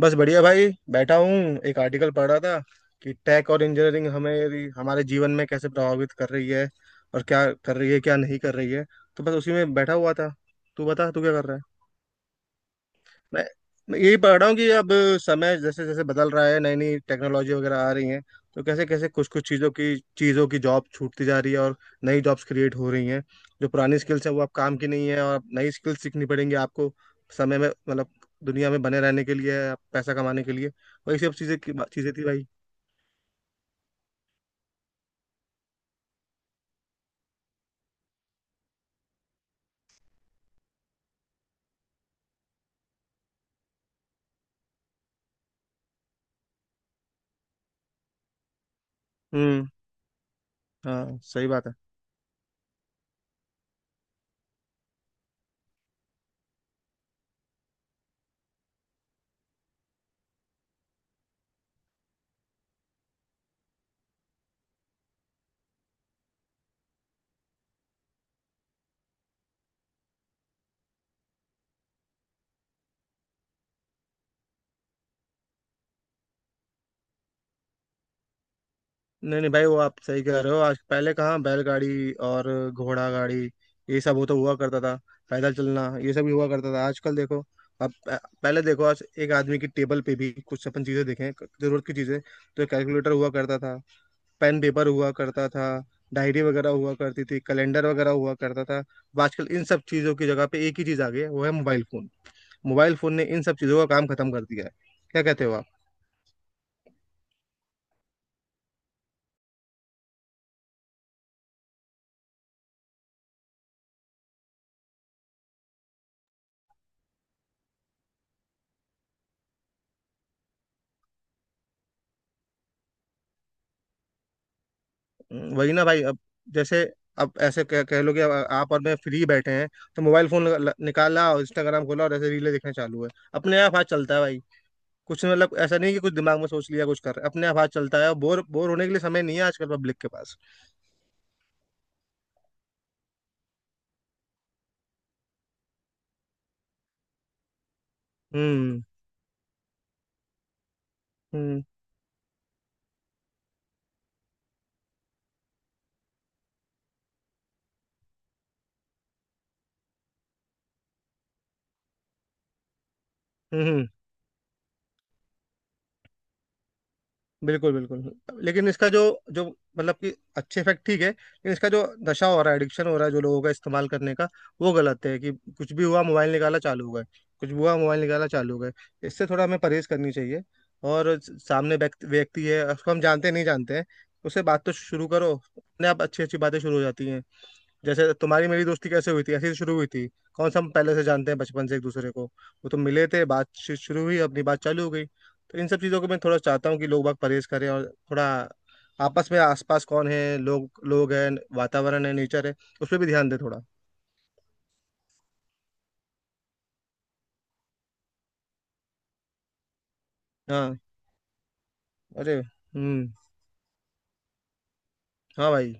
बस बढ़िया भाई बैठा हूँ। एक आर्टिकल पढ़ रहा था कि टेक और इंजीनियरिंग हमें हमारे जीवन में कैसे प्रभावित कर रही है और क्या कर रही है, क्या नहीं कर रही है। तो बस उसी में बैठा हुआ था। तू बता, तू क्या कर रहा है। मैं मैं यही पढ़ रहा हूँ कि अब समय जैसे जैसे बदल रहा है, नई नई टेक्नोलॉजी वगैरह आ रही है, तो कैसे कैसे कुछ कुछ चीज़ों की जॉब छूटती जा रही है और नई जॉब्स क्रिएट हो रही हैं। जो पुरानी स्किल्स हैं वो अब काम की नहीं है और अब नई स्किल्स सीखनी पड़ेंगी आपको समय में, मतलब दुनिया में बने रहने के लिए, पैसा कमाने के लिए। वही सब चीज़ें थी भाई। हम्म। हाँ सही बात है। नहीं नहीं भाई, वो आप सही कह रहे हो। आज पहले कहाँ बैलगाड़ी और घोड़ा गाड़ी, ये सब वो तो हुआ करता था। पैदल चलना ये सब भी हुआ करता था। आजकल देखो, अब पहले देखो, आज एक आदमी की टेबल पे भी कुछ अपन चीजें देखें, जरूरत की चीजें, तो कैलकुलेटर हुआ करता था, पेन पेपर हुआ करता था, डायरी वगैरह हुआ करती थी, कैलेंडर वगैरह हुआ करता था। अब आजकल इन सब चीजों की जगह पे एक ही चीज आ गई है, वो है मोबाइल फोन। मोबाइल फोन ने इन सब चीजों का काम खत्म कर दिया है। क्या कहते हो आप। वही ना भाई। अब जैसे अब ऐसे कह लो कि अब आप और मैं फ्री बैठे हैं, तो मोबाइल फोन निकाला और इंस्टाग्राम खोला और ऐसे रीलें देखना चालू है। अपने आप हाथ चलता है भाई। कुछ मतलब ऐसा नहीं कि कुछ दिमाग में सोच लिया कुछ कर रहे, अपने आप हाथ चलता है और बोर बोर होने के लिए समय नहीं है आजकल पब्लिक के पास। हम्म हम्म हम्म हम्म। बिल्कुल बिल्कुल, लेकिन इसका जो जो मतलब कि अच्छे इफेक्ट ठीक है, लेकिन इसका जो नशा हो रहा है, एडिक्शन हो रहा है जो लोगों का इस्तेमाल करने का, वो गलत है। कि कुछ भी हुआ मोबाइल निकाला चालू हो गए, कुछ भी हुआ मोबाइल निकाला चालू हो गए। इससे थोड़ा हमें परहेज करनी चाहिए। और सामने व्यक्ति व्यक्ति है, उसको हम जानते नहीं जानते हैं, उससे बात तो शुरू करो, अपने आप अच्छी अच्छी बातें शुरू हो जाती हैं। जैसे तुम्हारी मेरी दोस्ती कैसे हुई थी, ऐसे ही शुरू हुई थी। कौन सा हम पहले से जानते हैं बचपन से एक दूसरे को, वो तो मिले थे, बातचीत शुरू हुई, अपनी बात चालू हो गई। तो इन सब चीज़ों को मैं थोड़ा चाहता हूँ कि लोग बाग परहेज करें और थोड़ा आपस में आसपास कौन है, लोग लोग हैं, वातावरण है, नेचर है, उस पर भी ध्यान दे थोड़ा। हाँ। अरे हम्म। हाँ भाई।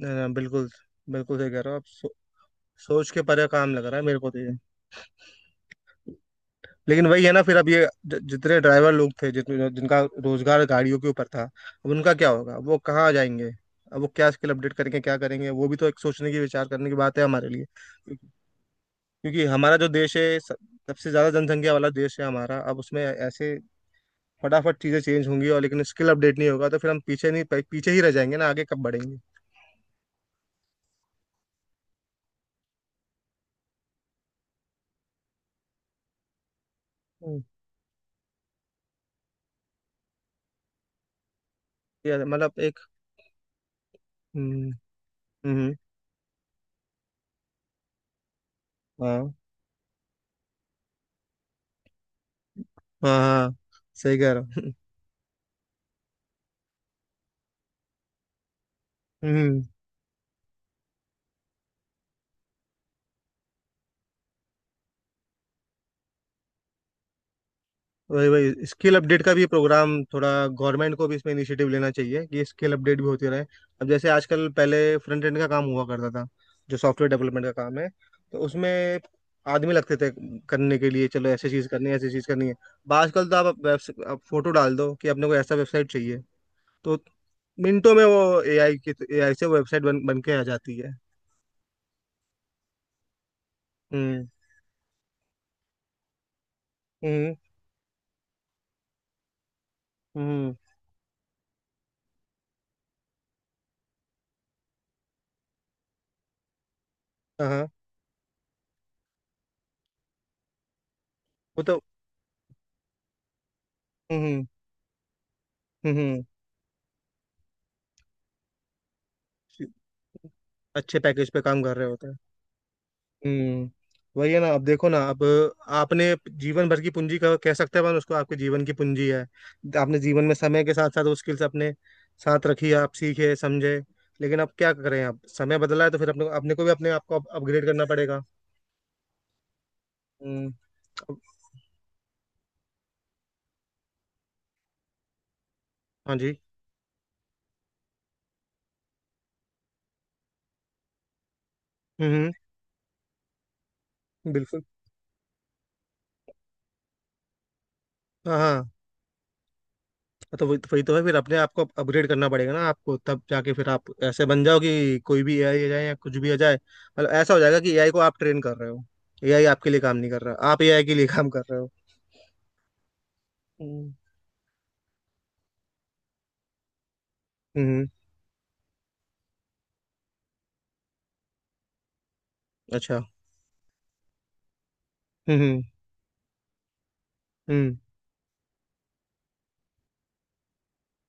ना, ना, बिल्कुल, बिल्कुल सही कह रहे हो आप। सोच के परे काम लग रहा है मेरे को तो ये। लेकिन वही है ना, फिर अब ये जितने ड्राइवर लोग थे, जितने जिनका रोजगार गाड़ियों के ऊपर था, अब उनका क्या होगा, वो कहाँ जाएंगे, अब वो क्या स्किल अपडेट करके क्या करेंगे, वो भी तो एक सोचने की विचार करने की बात है हमारे लिए। क्योंकि हमारा जो देश है सबसे ज्यादा जनसंख्या वाला देश है हमारा। अब उसमें ऐसे फटाफट चीजें चेंज होंगी और, लेकिन स्किल अपडेट नहीं होगा तो फिर हम पीछे नहीं, पीछे ही रह जाएंगे ना, आगे कब बढ़ेंगे। हम्म, ये मतलब एक हम्म हम्म हम्म, हाँ हाँ हाँ, सही कह रहा हूँ हम्म। वही वही स्किल अपडेट का भी प्रोग्राम थोड़ा गवर्नमेंट को भी इसमें इनिशिएटिव लेना चाहिए कि स्किल अपडेट भी होती रहे। अब जैसे आजकल पहले फ्रंट एंड का काम हुआ करता था, जो सॉफ्टवेयर डेवलपमेंट का काम है तो उसमें आदमी लगते थे करने के लिए। चलो ऐसी चीज़ करनी है, ऐसी चीज़ करनी है। अब आजकल तो आप वेब आप फोटो डाल दो कि अपने को ऐसा वेबसाइट चाहिए, तो मिनटों में वो एआई की एआई से वेबसाइट बन बन के आ जाती है। हम्म हम्म हम्म। हाँ हाँ, वो तो। हम्म हम्म हम्म, अच्छे पैकेज पे काम कर रहे होते हैं। हम्म। वही है ना, अब देखो ना, अब आपने जीवन भर की पूंजी कह कह सकते हैं अपन उसको, आपके जीवन की पूंजी है, आपने जीवन में समय के साथ साथ वो स्किल्स अपने साथ रखी, आप सीखे समझे। लेकिन अब क्या करें, अब समय बदला है तो फिर अपने अपने को भी, अपने आप को अपग्रेड करना पड़ेगा। हम्म। अब- हाँ जी। हम्म हम्म, बिल्कुल, हाँ हाँ हाँ, तो वही तो है, फिर अपने आप को अपग्रेड करना पड़ेगा ना आपको। तब जाके फिर आप ऐसे बन जाओ कि कोई भी एआई आ जाए या कुछ भी आ जाए, मतलब ऐसा हो जाएगा कि एआई को आप ट्रेन कर रहे हो। एआई आपके लिए काम नहीं कर रहा, आप एआई के लिए काम कर रहे हो। हम्म हम्म, अच्छा। हम्म हम्म हम्म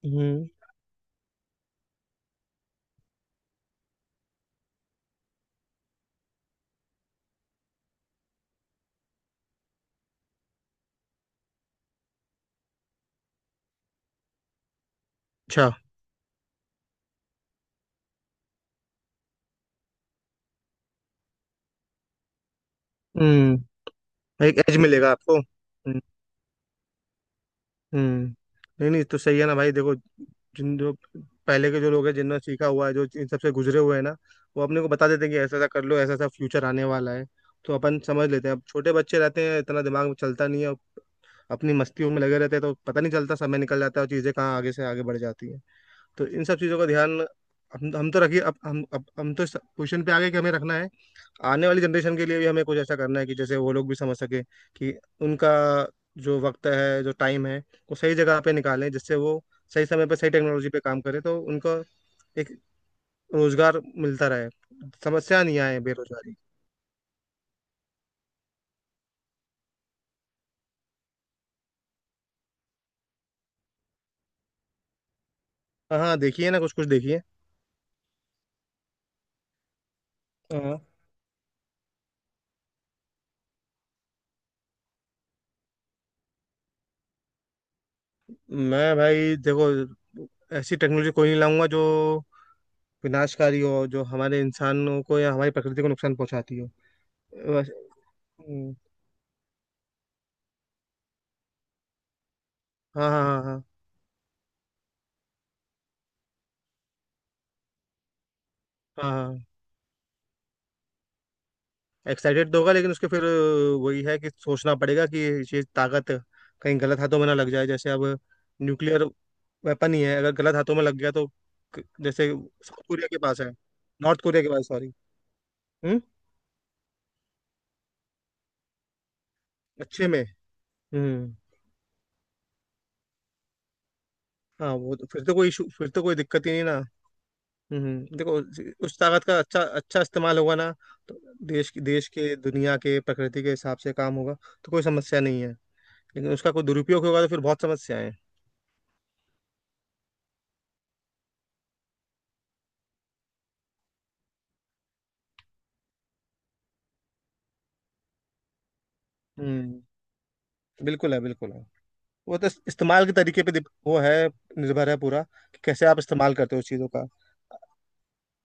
हम्म, अच्छा। हम्म। एक एज मिलेगा आपको। हम्म। हम्म। नहीं नहीं तो सही है ना भाई। देखो, जिन जो पहले के जो लोग हैं, जिन्होंने सीखा हुआ है, जो इन सबसे गुजरे हुए हैं ना, वो अपने को बता देते हैं कि ऐसा ऐसा कर लो, ऐसा ऐसा फ्यूचर आने वाला है, तो अपन समझ लेते हैं। अब छोटे बच्चे रहते हैं, इतना दिमाग में चलता नहीं है, अपनी मस्तियों में लगे रहते हैं, तो पता नहीं चलता, समय निकल जाता है और चीज़ें कहाँ आगे से आगे बढ़ जाती है। तो इन सब चीज़ों का ध्यान हम तो रखिए। अब हम तो इस पोजिशन पे आ गए कि हमें रखना है। आने वाली जनरेशन के लिए भी हमें कुछ ऐसा करना है कि जैसे वो लोग भी समझ सके कि उनका जो वक्त है, जो टाइम है, वो सही जगह पे निकालें, जिससे वो सही समय पे सही टेक्नोलॉजी पे काम करें तो उनको एक रोजगार मिलता रहे, समस्या नहीं आए बेरोजगारी। हाँ हाँ, देखिए ना कुछ कुछ देखिए। हाँ। मैं भाई देखो, ऐसी टेक्नोलॉजी कोई नहीं लाऊंगा जो विनाशकारी हो, जो हमारे इंसानों को या हमारी प्रकृति को नुकसान पहुंचाती हो। बस- हम्म, हाँ हाँ हाँ हाँ हाँ। एक्साइटेड तो होगा, लेकिन उसके फिर वही है कि सोचना पड़ेगा कि ये ताकत कहीं गलत हाथों में ना लग जाए। जैसे अब न्यूक्लियर वेपन ही है, अगर गलत हाथों में लग गया तो। जैसे साउथ कोरिया के पास है, नॉर्थ कोरिया के पास, सॉरी। हम्म। अच्छे में। हम्म। हाँ वो तो फिर तो कोई इशू, फिर तो कोई दिक्कत ही नहीं ना। हम्म। देखो उस ताकत का अच्छा अच्छा इस्तेमाल होगा ना, तो देश की, देश के, दुनिया के, प्रकृति के हिसाब से काम होगा तो कोई समस्या नहीं है। लेकिन उसका कोई दुरुपयोग होगा तो फिर बहुत समस्याएं हैं। हम्म। बिल्कुल है, बिल्कुल है। वो तो इस्तेमाल के तरीके पे वो है, निर्भर है पूरा कि कैसे आप इस्तेमाल करते हो उस चीज़ों का।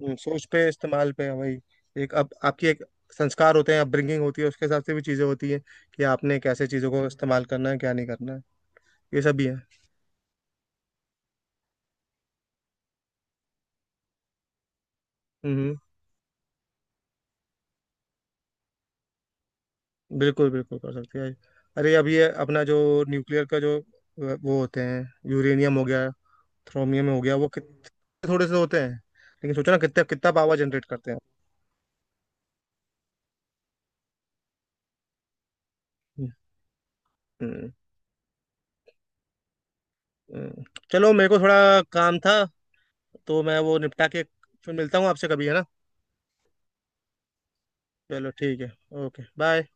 सोच पे, इस्तेमाल पे, वही। एक अब आपकी एक संस्कार होते हैं, अपब्रिंगिंग होती है, उसके हिसाब से भी चीज़ें होती है कि आपने कैसे चीज़ों को इस्तेमाल करना है, क्या नहीं करना है। ये सब भी है। हम्म। बिल्कुल बिल्कुल कर सकते हैं। अरे अब ये अपना जो न्यूक्लियर का जो वो होते हैं, यूरेनियम हो गया, थ्रोमियम हो गया, वो कितने थोड़े से होते हैं, लेकिन सोचो ना कितना कितना पावर जनरेट करते हैं। हम्म, हम्म। चलो मेरे को थोड़ा काम था, तो मैं वो निपटा के फिर मिलता हूँ आपसे कभी, है ना। चलो ठीक है, ओके बाय।